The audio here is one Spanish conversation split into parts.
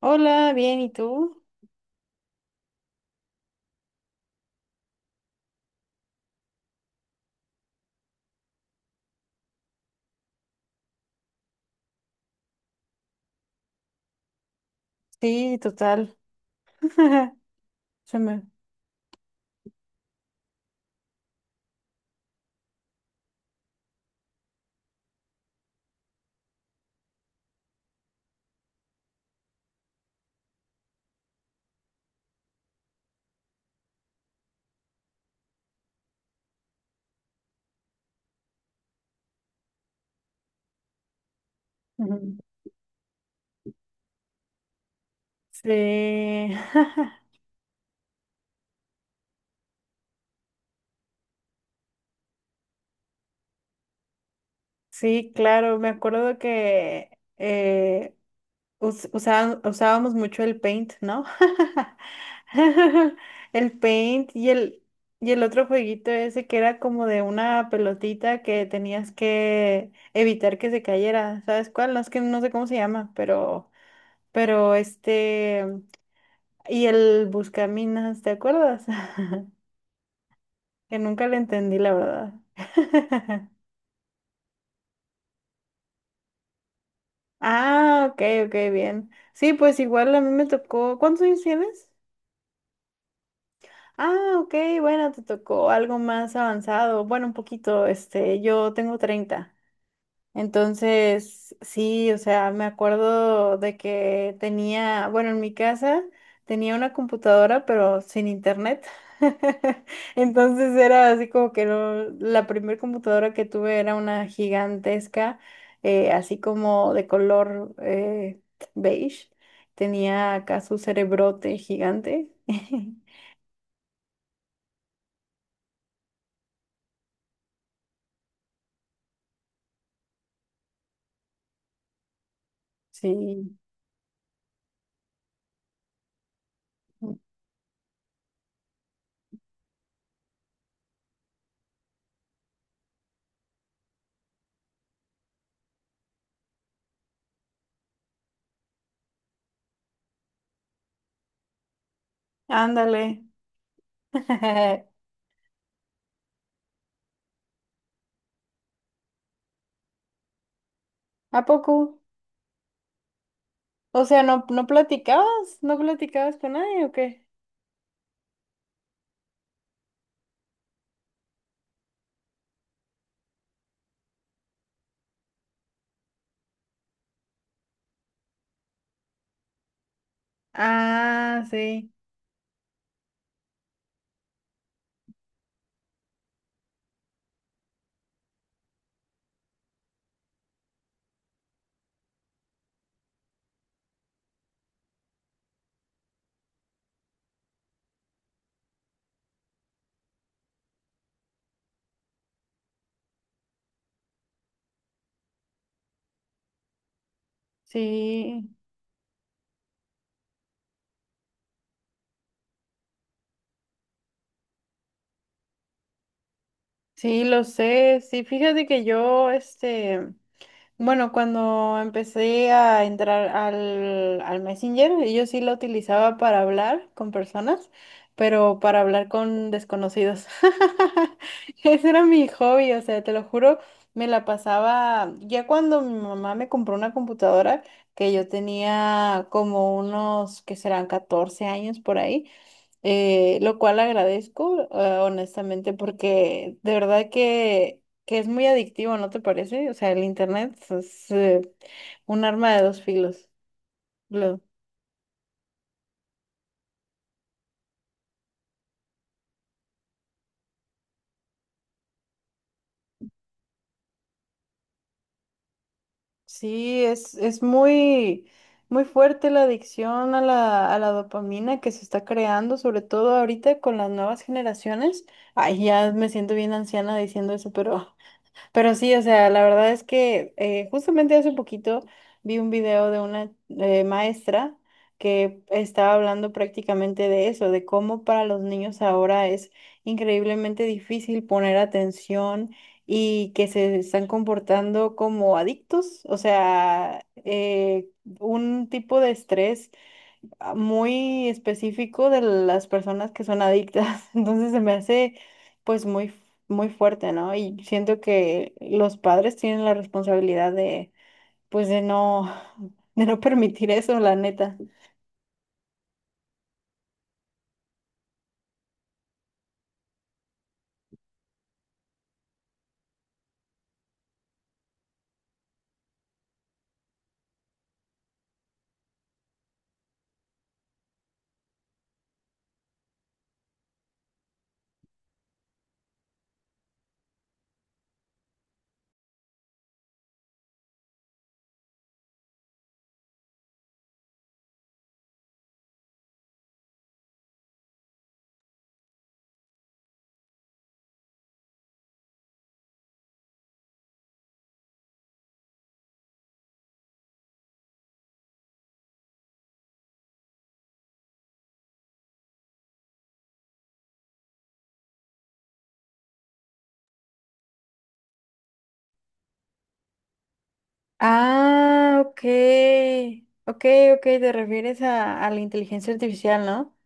Hola, bien, ¿y tú? Sí, total. Se me... Ujú. Sí, sí, claro, me acuerdo que eh, usábamos mucho el Paint, ¿no? El Paint y el otro jueguito ese que era como de una pelotita que tenías que evitar que se cayera, ¿sabes cuál? No, es que no sé cómo se llama, pero y el Buscaminas, ¿te acuerdas? Que nunca le entendí, la verdad. Ah, ok, ok, bien. Sí, pues igual a mí me tocó. ¿Cuántos años tienes? Ah, ok, bueno, te tocó algo más avanzado. Bueno, un poquito, yo tengo 30. Entonces, sí, o sea, me acuerdo de que tenía, bueno, en mi casa tenía una computadora, pero sin internet. Entonces era así como que no, la primera computadora que tuve era una gigantesca, así como de color beige. Tenía acá su cerebrote gigante. Sí, ándale. ¿A poco? O sea, ¿no platicabas? ¿No platicabas con nadie o qué? Ah, sí, sí, sí, lo sé. Sí, fíjate que yo, este, bueno, cuando empecé a entrar al Messenger, yo sí lo utilizaba para hablar con personas, pero para hablar con desconocidos. Ese era mi hobby, o sea, te lo juro, me la pasaba, ya cuando mi mamá me compró una computadora, que yo tenía como unos, que serán 14 años por ahí, lo cual agradezco, honestamente, porque de verdad que es muy adictivo, ¿no te parece? O sea, el internet es, un arma de dos filos. Lo- sí, es muy, muy fuerte la adicción a la dopamina que se está creando, sobre todo ahorita con las nuevas generaciones. Ay, ya me siento bien anciana diciendo eso. Pero sí, o sea, la verdad es que justamente hace poquito vi un video de una maestra que estaba hablando prácticamente de eso, de cómo para los niños ahora es increíblemente difícil poner atención y que se están comportando como adictos, o sea, un tipo de estrés muy específico de las personas que son adictas. Entonces se me hace pues muy, muy fuerte, ¿no? Y siento que los padres tienen la responsabilidad de pues de no, de no permitir eso, la neta. Ah, ok. Ok, ok, te refieres a la inteligencia artificial, ¿no?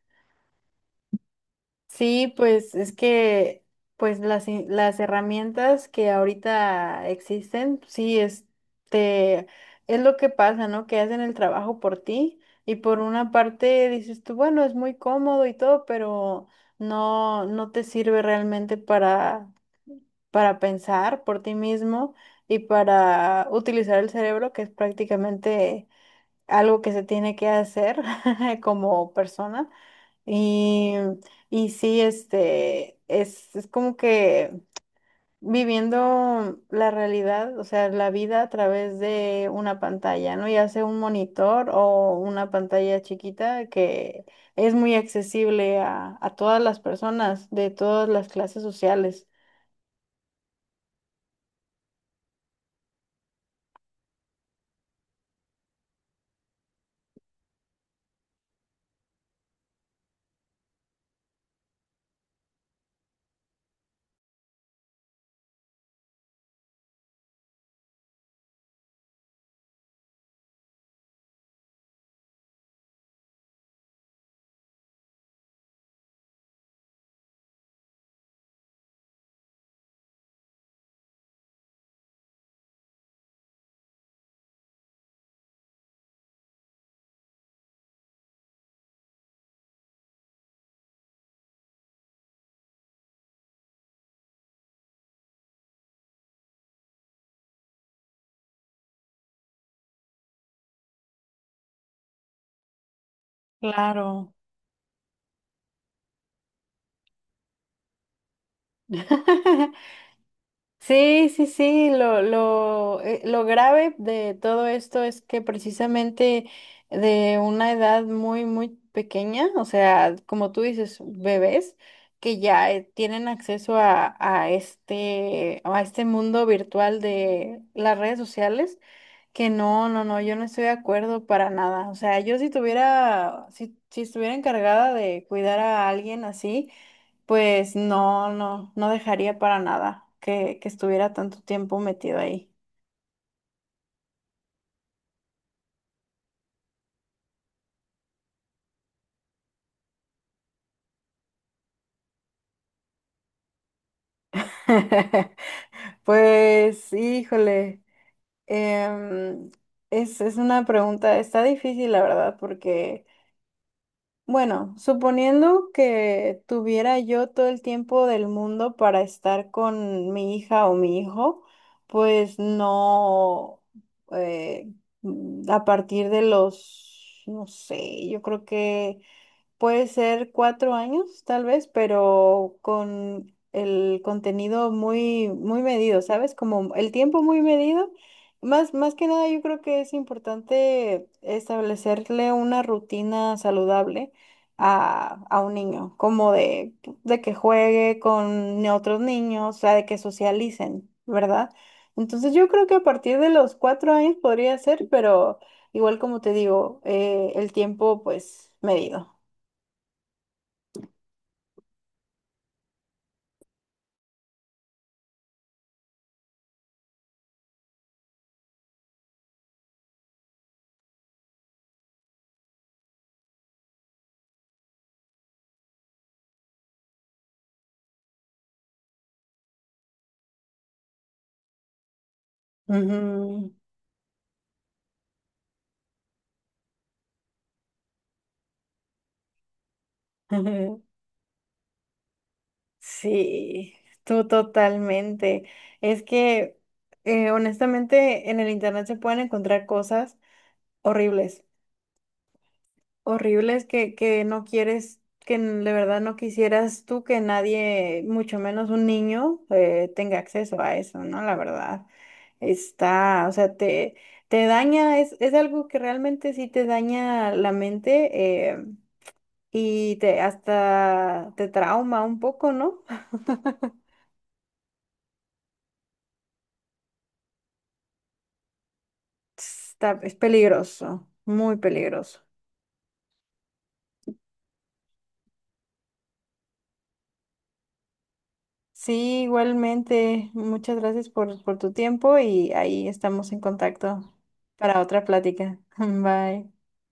Sí, pues es que pues las herramientas que ahorita existen, sí, es lo que pasa, ¿no? Que hacen el trabajo por ti y por una parte dices tú, bueno, es muy cómodo y todo, pero no, no te sirve realmente para pensar por ti mismo y para utilizar el cerebro, que es prácticamente algo que se tiene que hacer como persona. Y, y sí, es como que viviendo la realidad, o sea, la vida a través de una pantalla, ¿no? Ya sea un monitor o una pantalla chiquita que es muy accesible a todas las personas de todas las clases sociales. Claro. Sí, sí, sí, lo grave de todo esto es que precisamente de una edad muy, muy pequeña, o sea, como tú dices, bebés que ya tienen acceso a este mundo virtual de las redes sociales. Que no, no, no, yo no estoy de acuerdo para nada. O sea, yo si tuviera, si, si estuviera encargada de cuidar a alguien así, pues no, no, no dejaría para nada que estuviera tanto tiempo metido ahí. Pues, híjole, em, es una pregunta, está difícil la verdad, porque bueno, suponiendo que tuviera yo todo el tiempo del mundo para estar con mi hija o mi hijo, pues no, eh, a partir de los, no sé, yo creo que puede ser 4 años, tal vez, pero con el contenido muy, muy medido, ¿sabes? Como el tiempo muy medido. Más que nada, yo creo que es importante establecerle una rutina saludable a un niño, como de que juegue con otros niños, o sea, de que socialicen, ¿verdad? Entonces, yo creo que a partir de los 4 años podría ser, pero igual como te digo, el tiempo pues medido. Ujú, ujú. Sí, tú totalmente. Es que honestamente en el internet se pueden encontrar cosas horribles, horribles que no quieres, de verdad no quisieras tú que nadie, mucho menos un niño, tenga acceso a eso, ¿no? La verdad. Está, o sea, te daña, es algo que realmente sí te daña la mente y te hasta te trauma un poco, ¿no? Está, es peligroso, muy peligroso. Sí, igualmente, muchas gracias por tu tiempo y ahí estamos en contacto para otra plática. Bye.